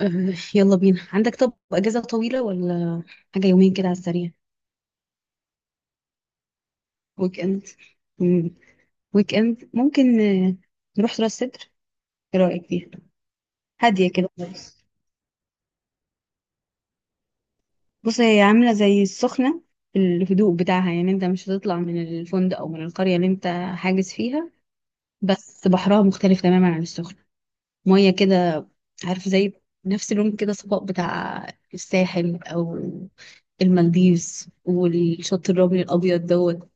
أه، يلا بينا. عندك طب اجازه طويله ولا حاجه؟ يومين كده على السريع. ويك اند. مم. ويك اند ممكن نروح راس سدر. ايه رايك فيها؟ هاديه كده خالص. بص، هي عامله زي السخنه في الهدوء بتاعها، يعني انت مش هتطلع من الفندق او من القريه اللي انت حاجز فيها. بس بحرها مختلف تماما عن السخنه. ميه كده، عارف، زي نفس اللون كده، صفاء بتاع الساحل او المالديفز والشط الرملي الابيض دوت.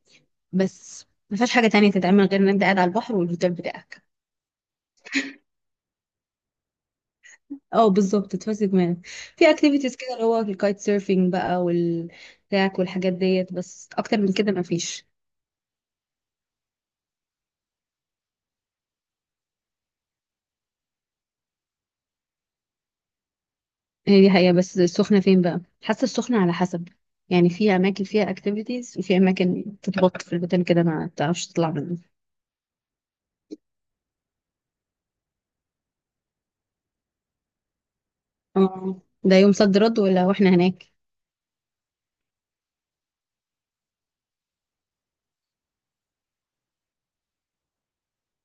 بس ما فيهاش حاجة تانية تتعمل غير ان انت قاعد على البحر والهوتيل بتاعك. اه بالظبط، تفسد دماغك. في اكتيفيتيز كده اللي هو الكايت سيرفينج بقى والكاك والحاجات ديت، بس اكتر من كده ما فيش. هي دي حقيقة، بس السخنة فين بقى؟ حاسة السخنة على حسب، يعني في اماكن فيها اكتيفيتيز وفي اماكن تتبط في المكان كده ما بتعرفش تطلع منه. اه، ده يوم صد رد ولا واحنا هناك؟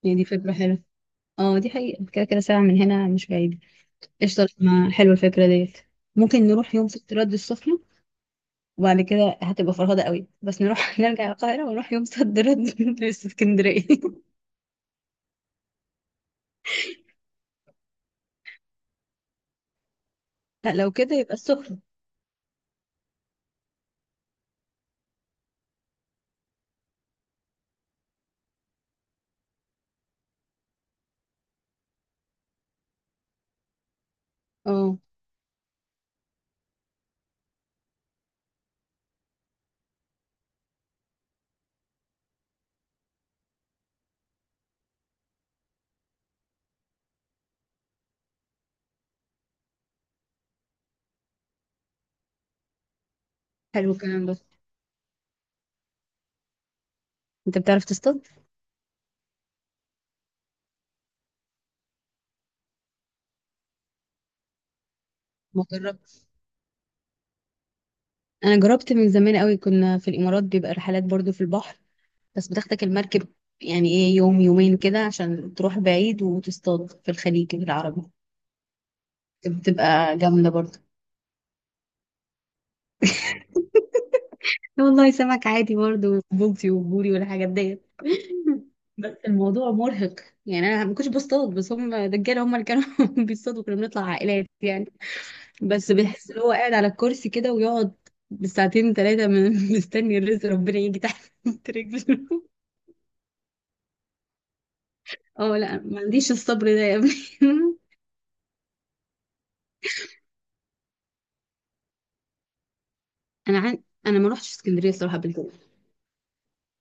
هي دي فكرة حلوة. اه دي حقيقة، كده كده ساعة من هنا مش بعيد. قشطة، ما حلوة الفكرة ديت. ممكن نروح يوم صد رد السخنة. وبعد كده هتبقى فرهدة قوي، بس نروح نرجع القاهرة ونروح يوم صد رد لاسكندرية. لا لو كده يبقى السخنة. اه. حلو الكلام ده. انت بتعرف تصطاد؟ ما جربت. انا جربت من زمان قوي، كنا في الامارات بيبقى رحلات برضو في البحر. بس بتاخدك المركب يعني ايه يوم يومين كده عشان تروح بعيد وتصطاد في الخليج العربي. بتبقى جامدة برضو. لا والله، سمك عادي برضو، بولتي وبوري والحاجات ديت. بس الموضوع مرهق، يعني انا ما كنتش بصطاد، بس هم دجاله هم اللي كانوا بيصطادوا. كنا بنطلع عائلات يعني. بس بيحس ان هو قاعد على الكرسي كده، ويقعد بالساعتين ثلاثه من مستني الرزق ربنا يجي تحت رجله. اه لا، ما عنديش الصبر ده يا ابني. انا ما روحتش اسكندريه الصراحه قبل كده،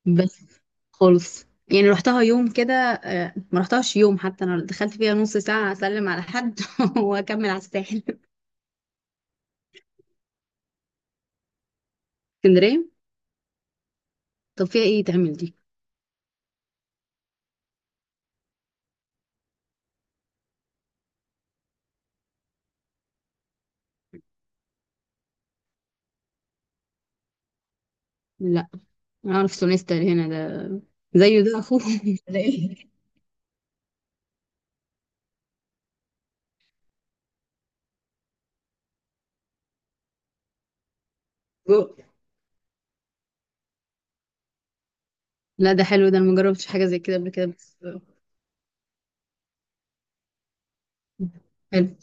بس خالص. يعني رحتها يوم كده، ما رحتهاش يوم، حتى انا دخلت فيها نص ساعه اسلم على حد واكمل على الساحل. اسكندريه. طب فيها ايه تعمل دي؟ لا، اعرف سونيستر هنا ده، زيه ده اخوه ولا ايه. جو. لا ده حلو ده، انا مجربتش حاجه زي كده قبل كده، بس حلو.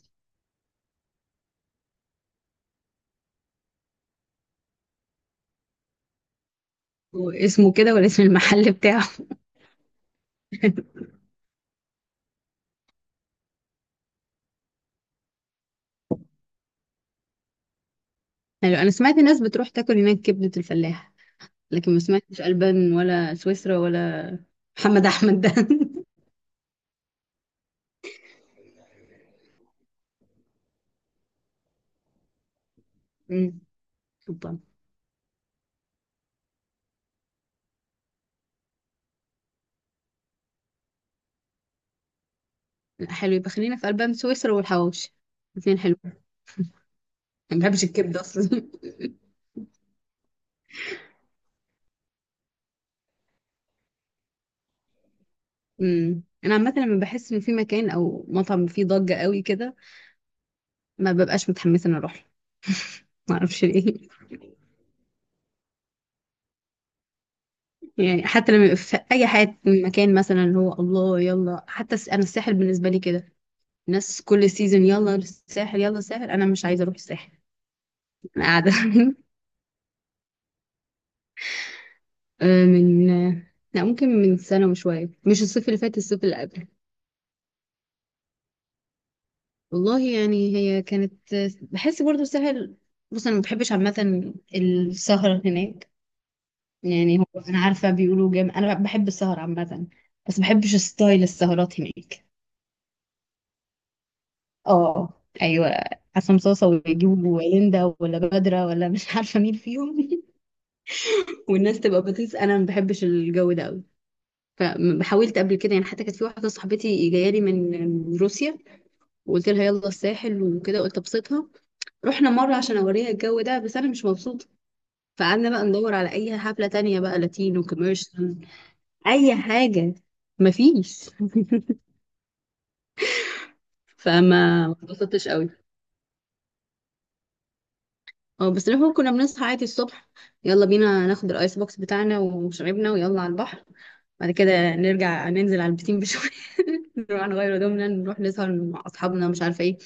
واسمه كده ولا اسم المحل بتاعه؟ حلو، انا سمعت ناس بتروح تاكل هناك كبده الفلاح، لكن ما سمعتش البان ولا سويسرا ولا محمد احمد ده. أمم، طب. لا حلو، يبقى خلينا في البان سويسرا والحواوشي، الاثنين حلو. أنا ما بحبش الكبده اصلا. انا عامه لما بحس ان في مكان او مطعم فيه ضجه قوي كده، ما ببقاش متحمسه ان اروح له. ما اعرفش ليه. يعني حتى لما يبقى في اي حاجه مكان، مثلا اللي هو الله يلا، حتى الس-، انا الساحل بالنسبه لي كده، الناس كل سيزون يلا الساحل يلا الساحل، انا مش عايزه اروح الساحل. انا قاعده. آه، من آه، لا ممكن من سنه وشويه، مش الصيف اللي فات، الصيف اللي قبله. والله يعني هي كانت، بحس برضو الساحل. بص انا ما بحبش عامه السهره هناك. يعني هو انا عارفه بيقولوا جامد، انا بحب السهر عامه، بس ما بحبش ستايل السهرات هناك. اه ايوه، حسام صاصه ويجيبوا ليندا ولا بدرة ولا مش عارفه مين فيهم. والناس تبقى بتنسى انا ما بحبش الجو ده قوي. فحاولت قبل كده، يعني حتى كانت في واحده صاحبتي جايه لي من روسيا، وقلت لها يلا الساحل وكده، قلت ابسطها. رحنا مره عشان اوريها الجو ده، بس انا مش مبسوطه. فقعدنا بقى ندور على اي حفله تانية بقى، لاتينو، كوميرشال، اي حاجه. مفيش. فما ما اتبسطتش قوي. اه. بس احنا كنا بنصحى عادي الصبح، يلا بينا ناخد الايس بوكس بتاعنا ومشاربنا ويلا على البحر. بعد كده نرجع ننزل على البسين بشوية. نروح نغير هدومنا، نروح نسهر مع اصحابنا، مش عارفه ايه.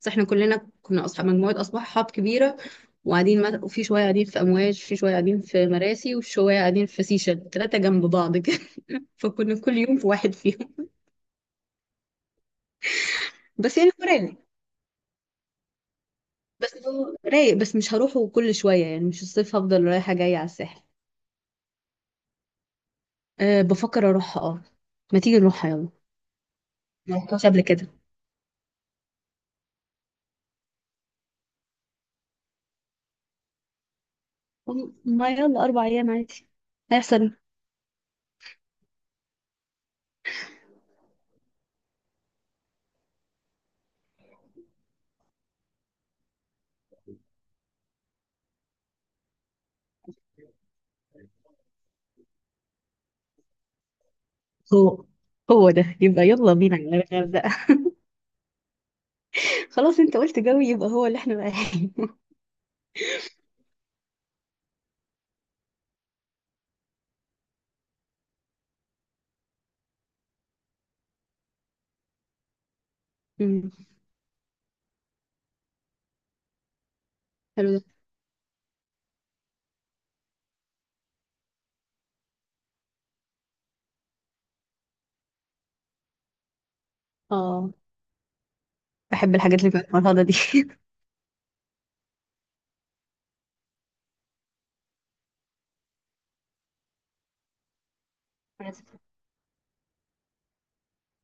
بس احنا كلنا كنا اصحاب، مجموعه اصحاب كبيره، وفي شويه قاعدين في امواج، في شويه قاعدين في مراسي، وشويه قاعدين في سيشل، ثلاثه جنب بعض كده. فكنا كل يوم في واحد فيهم. بس يعني هو رايق. بس هو رايق بس مش هروحه كل شويه يعني، مش الصيف هفضل رايحه جايه على الساحل. أه بفكر اروحها اه. ما تيجي نروحها يلا. ما رحتهاش قبل كده. ما يلا اربع ايام عادي، هيحصل. هو هو ده يبقى، يلا بينا على الغردقة. خلاص، انت قلت جوي يبقى هو اللي احنا رايحين. أمم، حلو ده. اه، بحب الحاجات اللي فيها الفرهدة دي.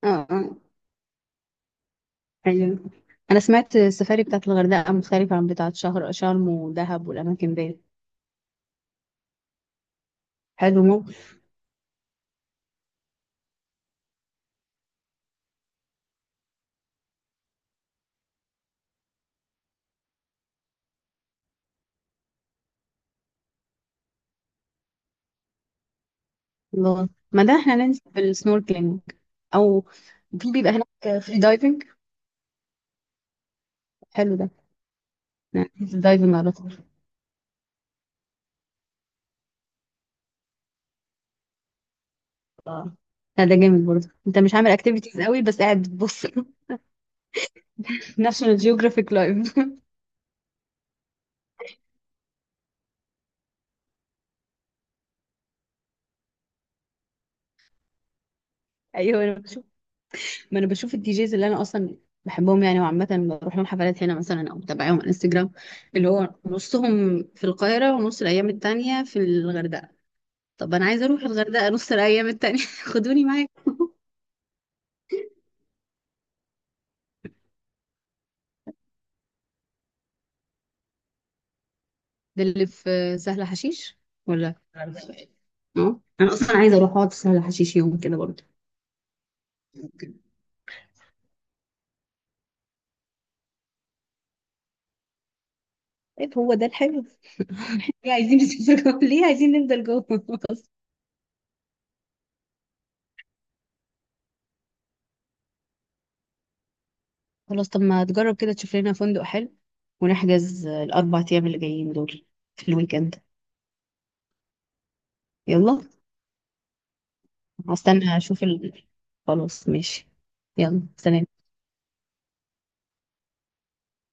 اه اه ايوه، انا سمعت السفاري بتاعت الغردقة مختلفة عن بتاعت شهر شرم ودهب والاماكن دي. حلو مو. الله، ما ده احنا ننزل بالسنوركلينج، او في بيبقى هناك فري دايفنج. حلو ده. دايفنج على طول. اه لا، ده جامد برضه، انت مش عامل اكتيفيتيز قوي بس قاعد بتبص. ناشونال جيوغرافيك لايف. ايوه انا بشوف. ما انا بشوف الدي جيز اللي انا اصلا بحبهم يعني، وعامة بروح لهم حفلات هنا مثلا او بتابعهم على انستجرام، اللي هو نصهم في القاهرة ونص الايام التانية في الغردقة. طب انا عايزة اروح الغردقة نص الايام التانية، خدوني معاك. ده اللي في سهل حشيش ولا الغردقة. اه انا اصلا عايزة اروح اقعد في سهل حشيش يوم كده برضه. طيب هو ده الحلو، ليه عايزين نسافر جوه؟ ليه عايزين نفضل جوه؟ بس. خلاص طب ما تجرب كده تشوف لنا فندق حلو، ونحجز الأربع أيام اللي جايين دول في الويك إند. يلا. هستنى أشوف ال... خلاص ماشي. يلا سلام.